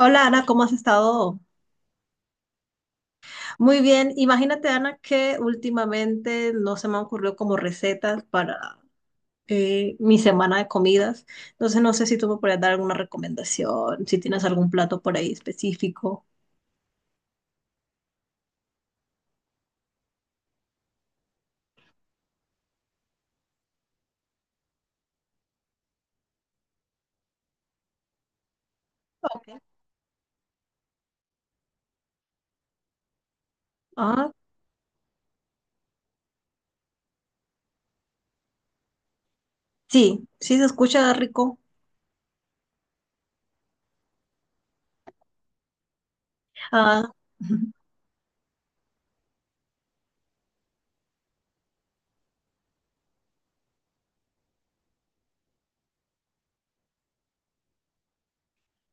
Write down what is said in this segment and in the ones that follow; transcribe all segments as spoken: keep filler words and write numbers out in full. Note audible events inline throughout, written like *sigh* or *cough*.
Hola Ana, ¿cómo has estado? Muy bien. Imagínate Ana que últimamente no se me han ocurrido como recetas para eh, mi semana de comidas. Entonces no sé si tú me puedes dar alguna recomendación, si tienes algún plato por ahí específico. Ok. Ah, sí, sí se escucha rico. Ah, *laughs*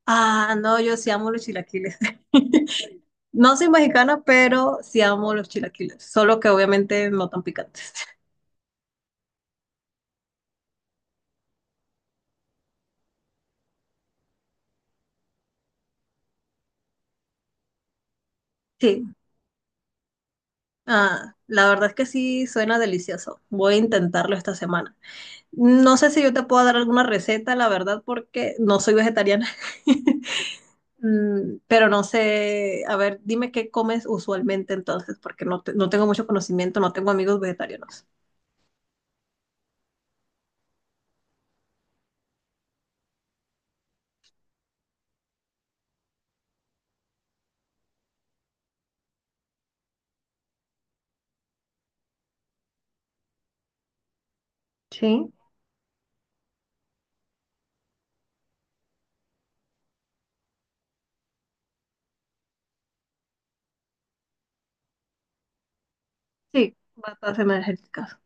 ah, no, yo sí amo los chilaquiles. *laughs* No soy mexicana, pero sí amo los chilaquiles, solo que obviamente no tan picantes. *laughs* Sí. Ah, la verdad es que sí suena delicioso. Voy a intentarlo esta semana. No sé si yo te puedo dar alguna receta, la verdad, porque no soy vegetariana. *laughs* Mm, pero no sé, a ver, dime qué comes usualmente entonces, porque no, te- no tengo mucho conocimiento, no tengo amigos vegetarianos. Sí, sí, batas energéticas.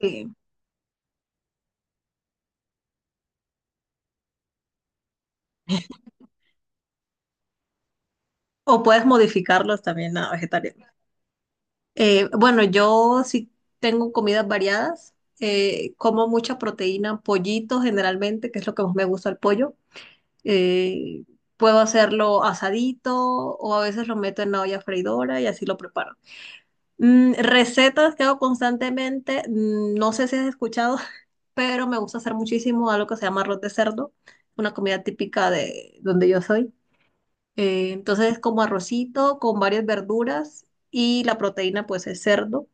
Sí. O puedes modificarlos también a vegetarianos. Eh, bueno, yo sí tengo comidas variadas. Eh, como mucha proteína, pollito generalmente, que es lo que más me gusta el pollo. eh, Puedo hacerlo asadito o a veces lo meto en la olla freidora y así lo preparo. Mm, recetas que hago constantemente, mm, no sé si has escuchado, *laughs* pero me gusta hacer muchísimo algo que se llama arroz de cerdo, una comida típica de donde yo soy. Eh, entonces es como arrocito con varias verduras y la proteína pues es cerdo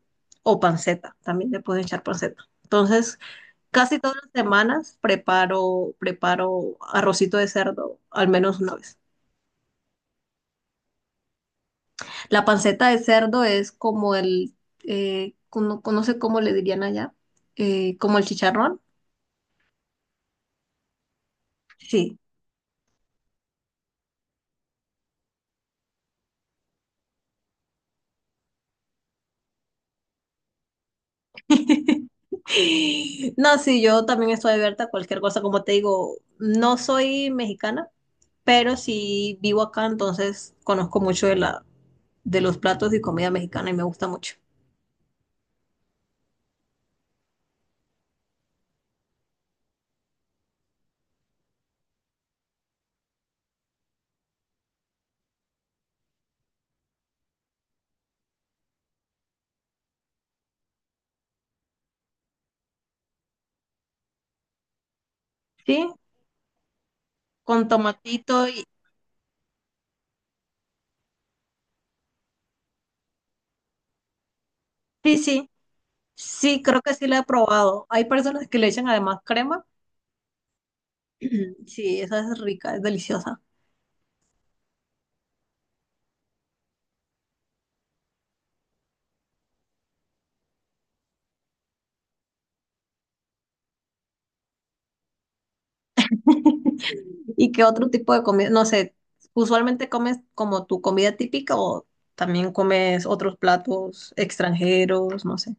o panceta, también le pueden echar panceta. Entonces casi todas las semanas preparo, preparo arrocito de cerdo al menos una vez. La panceta de cerdo es como el, eh, no, no sé cómo le dirían allá, eh, como el chicharrón. Sí. *laughs* No, sí, yo también estoy abierta a cualquier cosa, como te digo, no soy mexicana. Pero si vivo acá, entonces conozco mucho de la, de los platos y comida mexicana y me gusta mucho. Sí, con tomatito y... sí, sí, sí, creo que sí la he probado. Hay personas que le echan además crema. *clears throat* Sí, esa es rica, es deliciosa. ¿Y qué otro tipo de comida? No sé, ¿usualmente comes como tu comida típica o también comes otros platos extranjeros, no sé?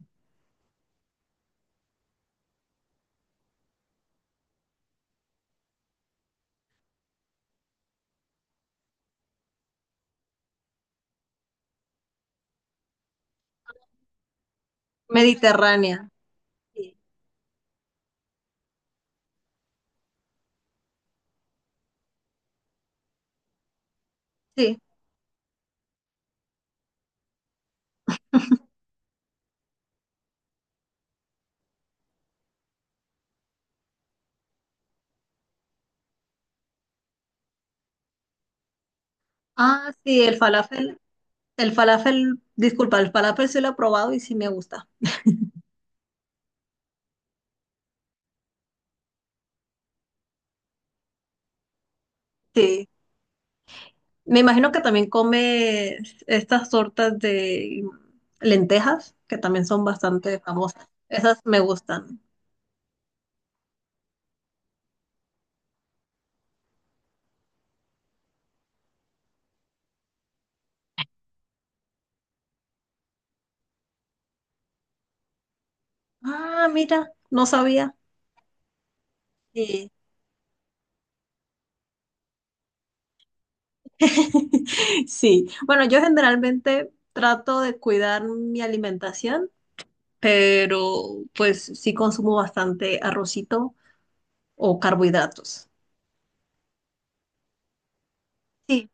Mediterránea. Sí. Sí. *laughs* Ah, sí, el falafel. El falafel, disculpa, el falafel sí lo he probado y sí me gusta. Sí. Me imagino que también come estas tortas de lentejas, que también son bastante famosas. Esas me gustan. Ah, mira, no sabía. Sí. *laughs* Sí. Bueno, yo generalmente trato de cuidar mi alimentación, pero pues sí consumo bastante arrocito o carbohidratos. Sí,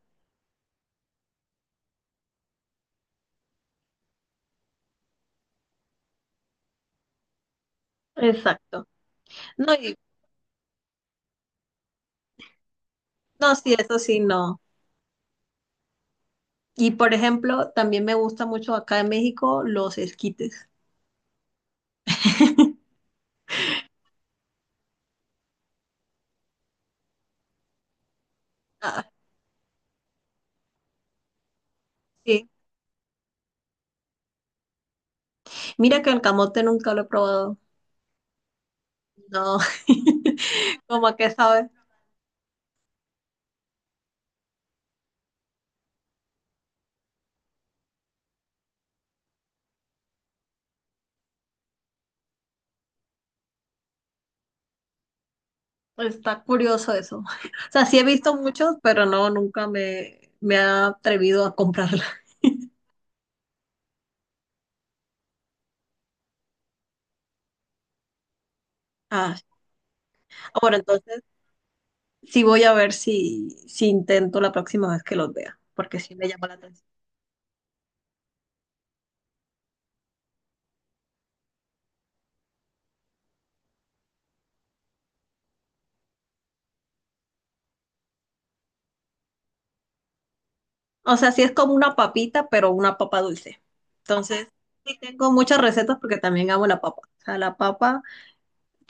exacto. No, y no, sí, eso sí, no. Y por ejemplo, también me gusta mucho acá en México los esquites. *laughs* Ah, sí. Mira que el camote nunca lo he probado. No, *laughs* como a qué sabe. Está curioso eso. O sea, sí he visto muchos, pero no, nunca me, me ha atrevido a comprarla. *laughs* Ah, bueno, entonces sí voy a ver si, si intento la próxima vez que los vea, porque sí me llama la atención. O sea, sí es como una papita, pero una papa dulce. Entonces, sí tengo muchas recetas porque también amo la papa. O sea, la papa,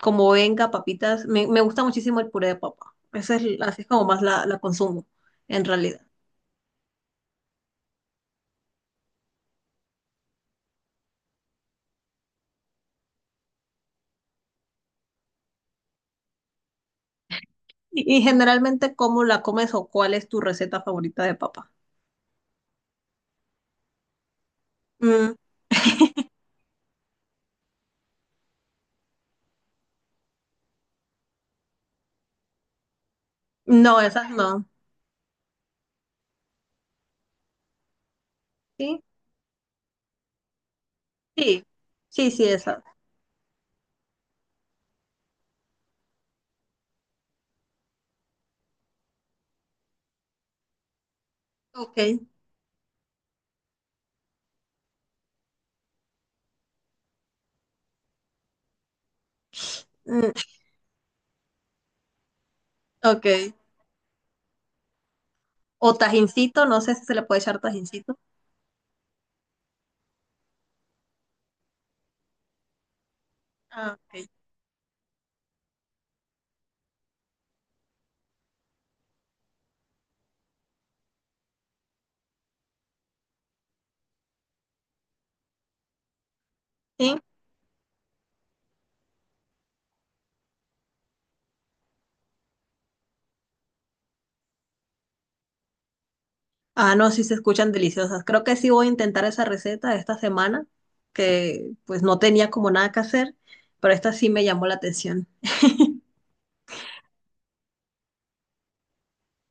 como venga, papitas, me, me gusta muchísimo el puré de papa. Esa es, así es como más la, la consumo, en realidad. Y, y generalmente, ¿cómo la comes o cuál es tu receta favorita de papa? Mm, no, esas no. Sí, sí, sí, sí, esas. Ok, mm, ok. O tajincito, no sé si se le puede echar tajincito. Ah, ok. Sí. Ah, no, sí se escuchan deliciosas. Creo que sí voy a intentar esa receta esta semana, que pues no tenía como nada que hacer, pero esta sí me llamó la atención.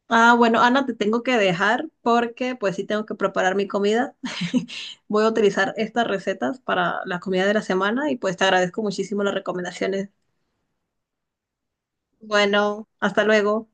Ah, bueno, Ana, te tengo que dejar porque pues sí tengo que preparar mi comida. *laughs* Voy a utilizar estas recetas para la comida de la semana y pues te agradezco muchísimo las recomendaciones. Bueno, hasta luego.